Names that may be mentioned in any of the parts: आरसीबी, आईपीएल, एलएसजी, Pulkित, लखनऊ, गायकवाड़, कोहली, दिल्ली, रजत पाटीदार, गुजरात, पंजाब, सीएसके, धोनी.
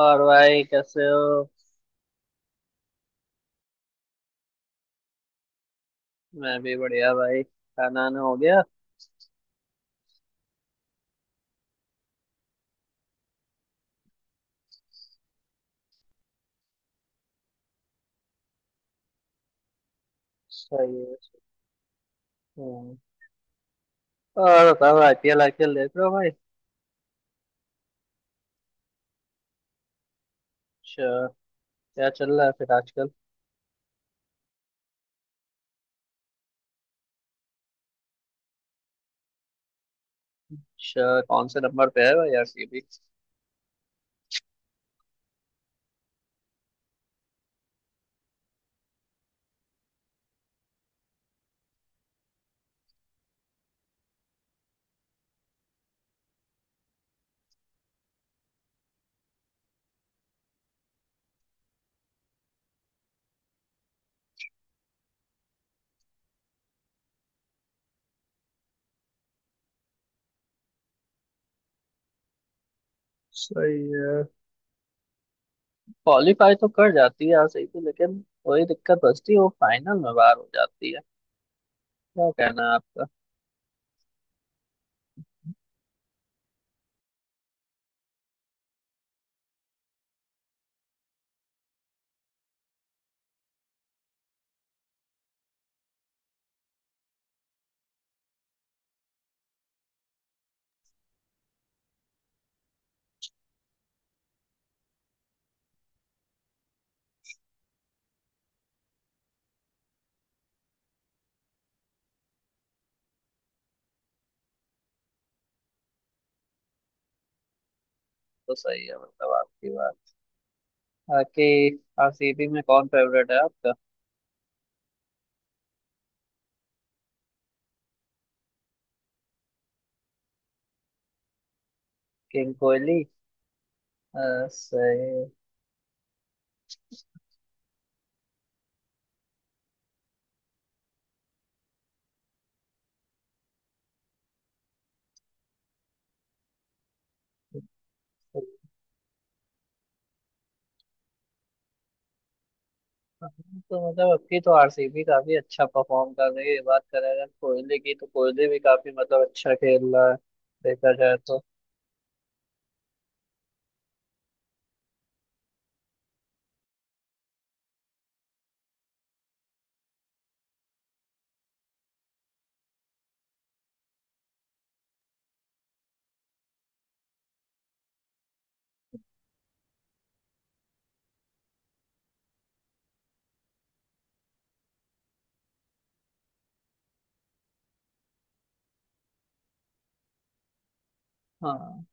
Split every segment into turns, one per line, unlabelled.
और भाई कैसे हो। मैं भी बढ़िया भाई, खाना वाना हो गया। सही है। हम्म। और बताओ, आईपीएल आईपीएल देख रहे हो भाई? अच्छा, क्या चल रहा है फिर आजकल? अच्छा, कौन से नंबर पे है भाई आरसीबी? सही है। क्वालीफाई तो कर जाती है आरसीबी, लेकिन वही दिक्कत बचती है, वो फाइनल में बाहर हो जाती है। क्या कहना है आपका? तो सही है मतलब आपकी बात। बाकी आरसीबी में कौन फेवरेट है आपका? किंग कोहली। सही है। तो मतलब अब की तो आरसीबी काफी अच्छा परफॉर्म कर रही है। बात करें अगर कोहली की, तो कोहली भी काफी मतलब अच्छा खेल रहा है, देखा जाए तो। हाँ,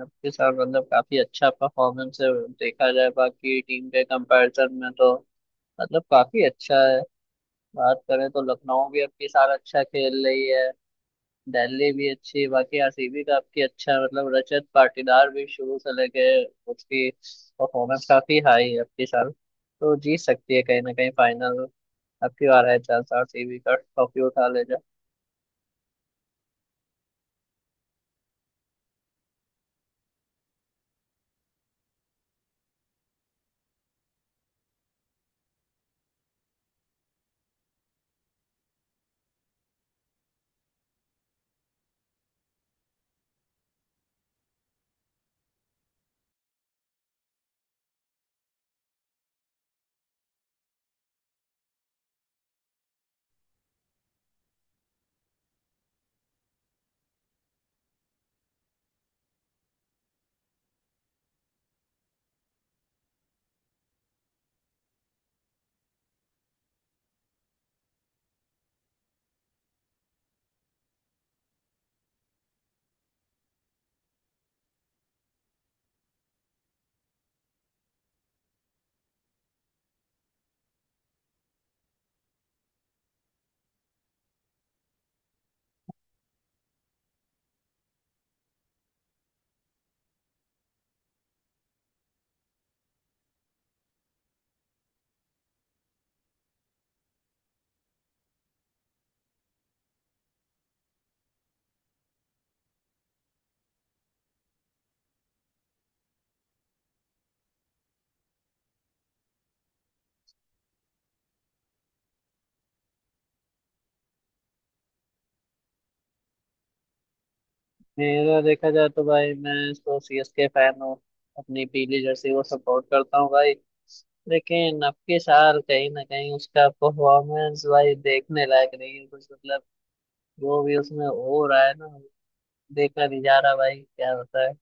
अब के साथ मतलब काफी अच्छा परफॉर्मेंस है। देखा जाए बाकी टीम के कंपैरिजन में, तो मतलब काफी अच्छा है। बात करें तो लखनऊ भी अब की साल अच्छा खेल रही है, दिल्ली भी अच्छी है, बाकी आरसीबी का आपकी अच्छा, मतलब रजत पाटीदार भी शुरू से लेके उसकी परफॉर्मेंस काफी हाई है। अपनी साल तो जीत सकती है कहीं ना कहीं फाइनल। आपकी बार है चांस, आरसीबी का ट्रॉफी उठा ले जाए। मेरा देखा जाए तो भाई, मैं तो सीएसके फैन हूँ। अपनी पीली जर्सी को सपोर्ट करता हूँ भाई। लेकिन अब के साल कहीं ना कहीं उसका परफॉर्मेंस भाई देखने लायक नहीं है कुछ, मतलब जो भी उसमें हो रहा है ना, देखा नहीं जा रहा भाई क्या होता है।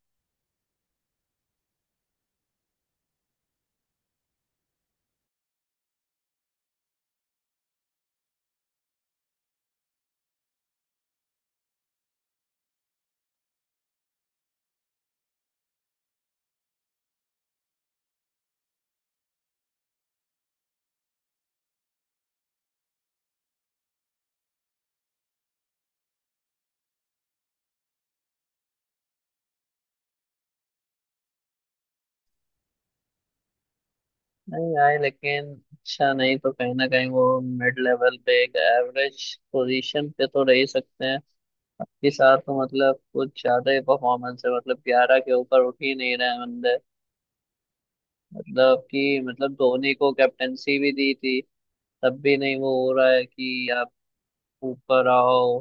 नहीं आए, लेकिन अच्छा नहीं तो कहीं ना कहीं वो मिड लेवल पे एक एवरेज पोजीशन पे तो रह ही सकते हैं। आपके साथ तो मतलब कुछ ज्यादा ही परफॉर्मेंस है, मतलब 11 के ऊपर उठ ही नहीं रहे हैं बंदे। मतलब कि मतलब धोनी को कैप्टेंसी भी दी थी, तब भी नहीं वो हो रहा है कि आप ऊपर आओ।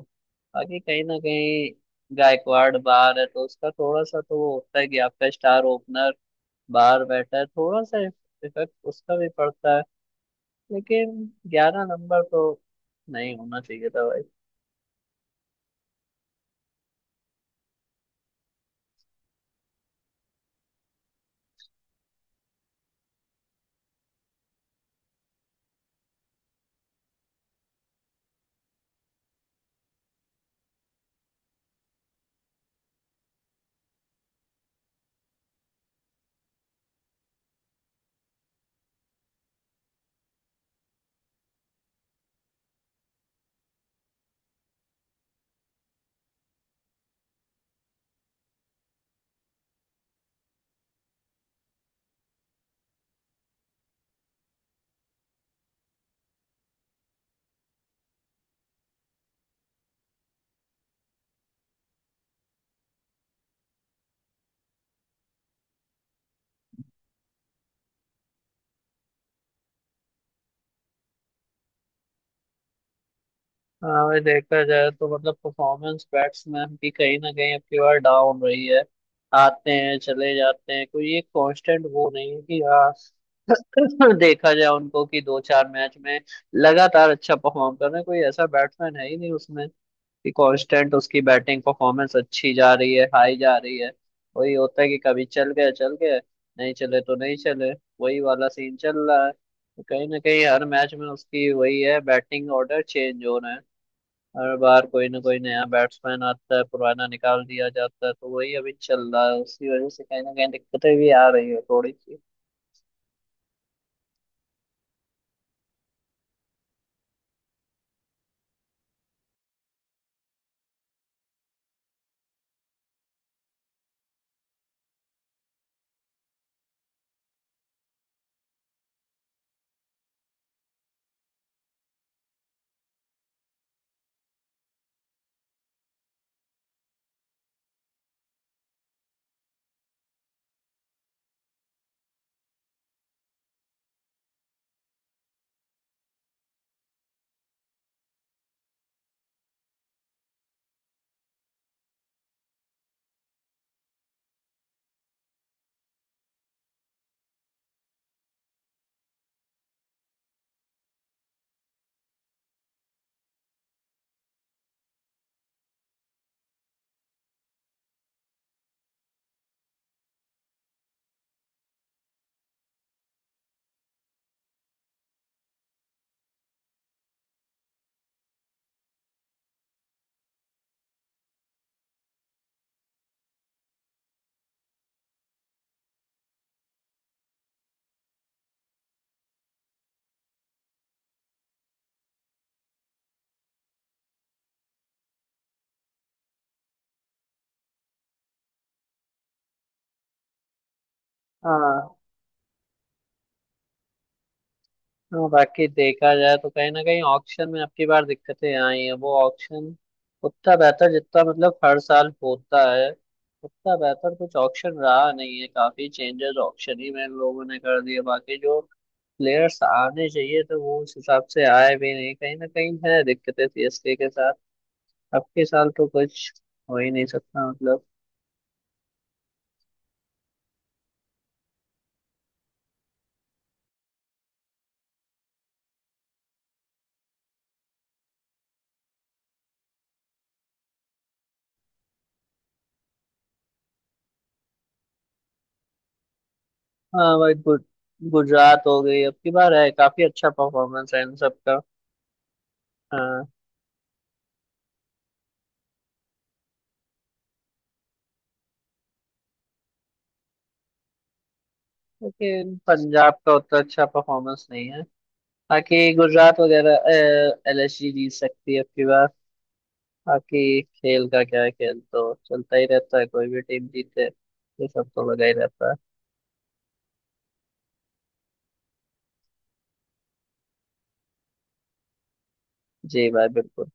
बाकी कहीं ना कहीं गायकवाड़ बाहर है तो उसका थोड़ा सा तो वो होता है कि आपका स्टार ओपनर बाहर बैठा है, थोड़ा सा इफेक्ट उसका भी पड़ता है। लेकिन 11 नंबर तो नहीं होना चाहिए था भाई। हाँ भाई, देखा जाए तो मतलब परफॉर्मेंस बैट्समैन की कहीं ना कहीं अब की बार डाउन रही है। आते हैं चले जाते हैं, कोई एक कांस्टेंट वो नहीं है कि हाँ देखा जाए उनको कि दो चार मैच में लगातार अच्छा परफॉर्म कर रहे हैं, कोई ऐसा बैट्समैन है ही नहीं उसमें कि कांस्टेंट उसकी बैटिंग परफॉर्मेंस अच्छी जा रही है, हाई जा रही है। वही होता है कि कभी चल गए चल गए, नहीं चले तो नहीं चले। वही वाला सीन चल रहा है, तो कहीं ना कहीं हर मैच में उसकी वही है, बैटिंग ऑर्डर चेंज हो रहे हैं। हर बार कोई ना कोई नया बैट्समैन आता है, पुराना निकाल दिया जाता है। तो वही अभी चल रहा है, उसकी वजह से कहीं ना कहीं दिक्कतें भी आ रही है थोड़ी सी। हाँ। हाँ, बाकी देखा जाए तो कहीं ना कहीं ऑक्शन में आपकी बार दिक्कतें आई हैं। वो ऑक्शन उतना बेहतर जितना मतलब हर साल होता है उतना बेहतर कुछ ऑक्शन रहा नहीं है। काफी चेंजेस ऑक्शन ही में लोगों ने कर दिए, बाकी जो प्लेयर्स आने चाहिए तो वो उस हिसाब से आए भी नहीं। कहीं ना कहीं है दिक्कतें सीएसके के साथ, अब के साल तो कुछ हो ही नहीं सकता मतलब। हाँ भाई, गुजरात हो गई अब की बार, है काफी अच्छा परफॉर्मेंस है इन सबका। लेकिन पंजाब का उतना अच्छा परफॉर्मेंस नहीं है, बाकी गुजरात वगैरह एलएसजी जीत सकती है अब की बार। बाकी खेल का क्या है, खेल तो चलता ही रहता है, कोई भी टीम जीते ये सब तो लगा ही रहता है। जी भाई बिल्कुल।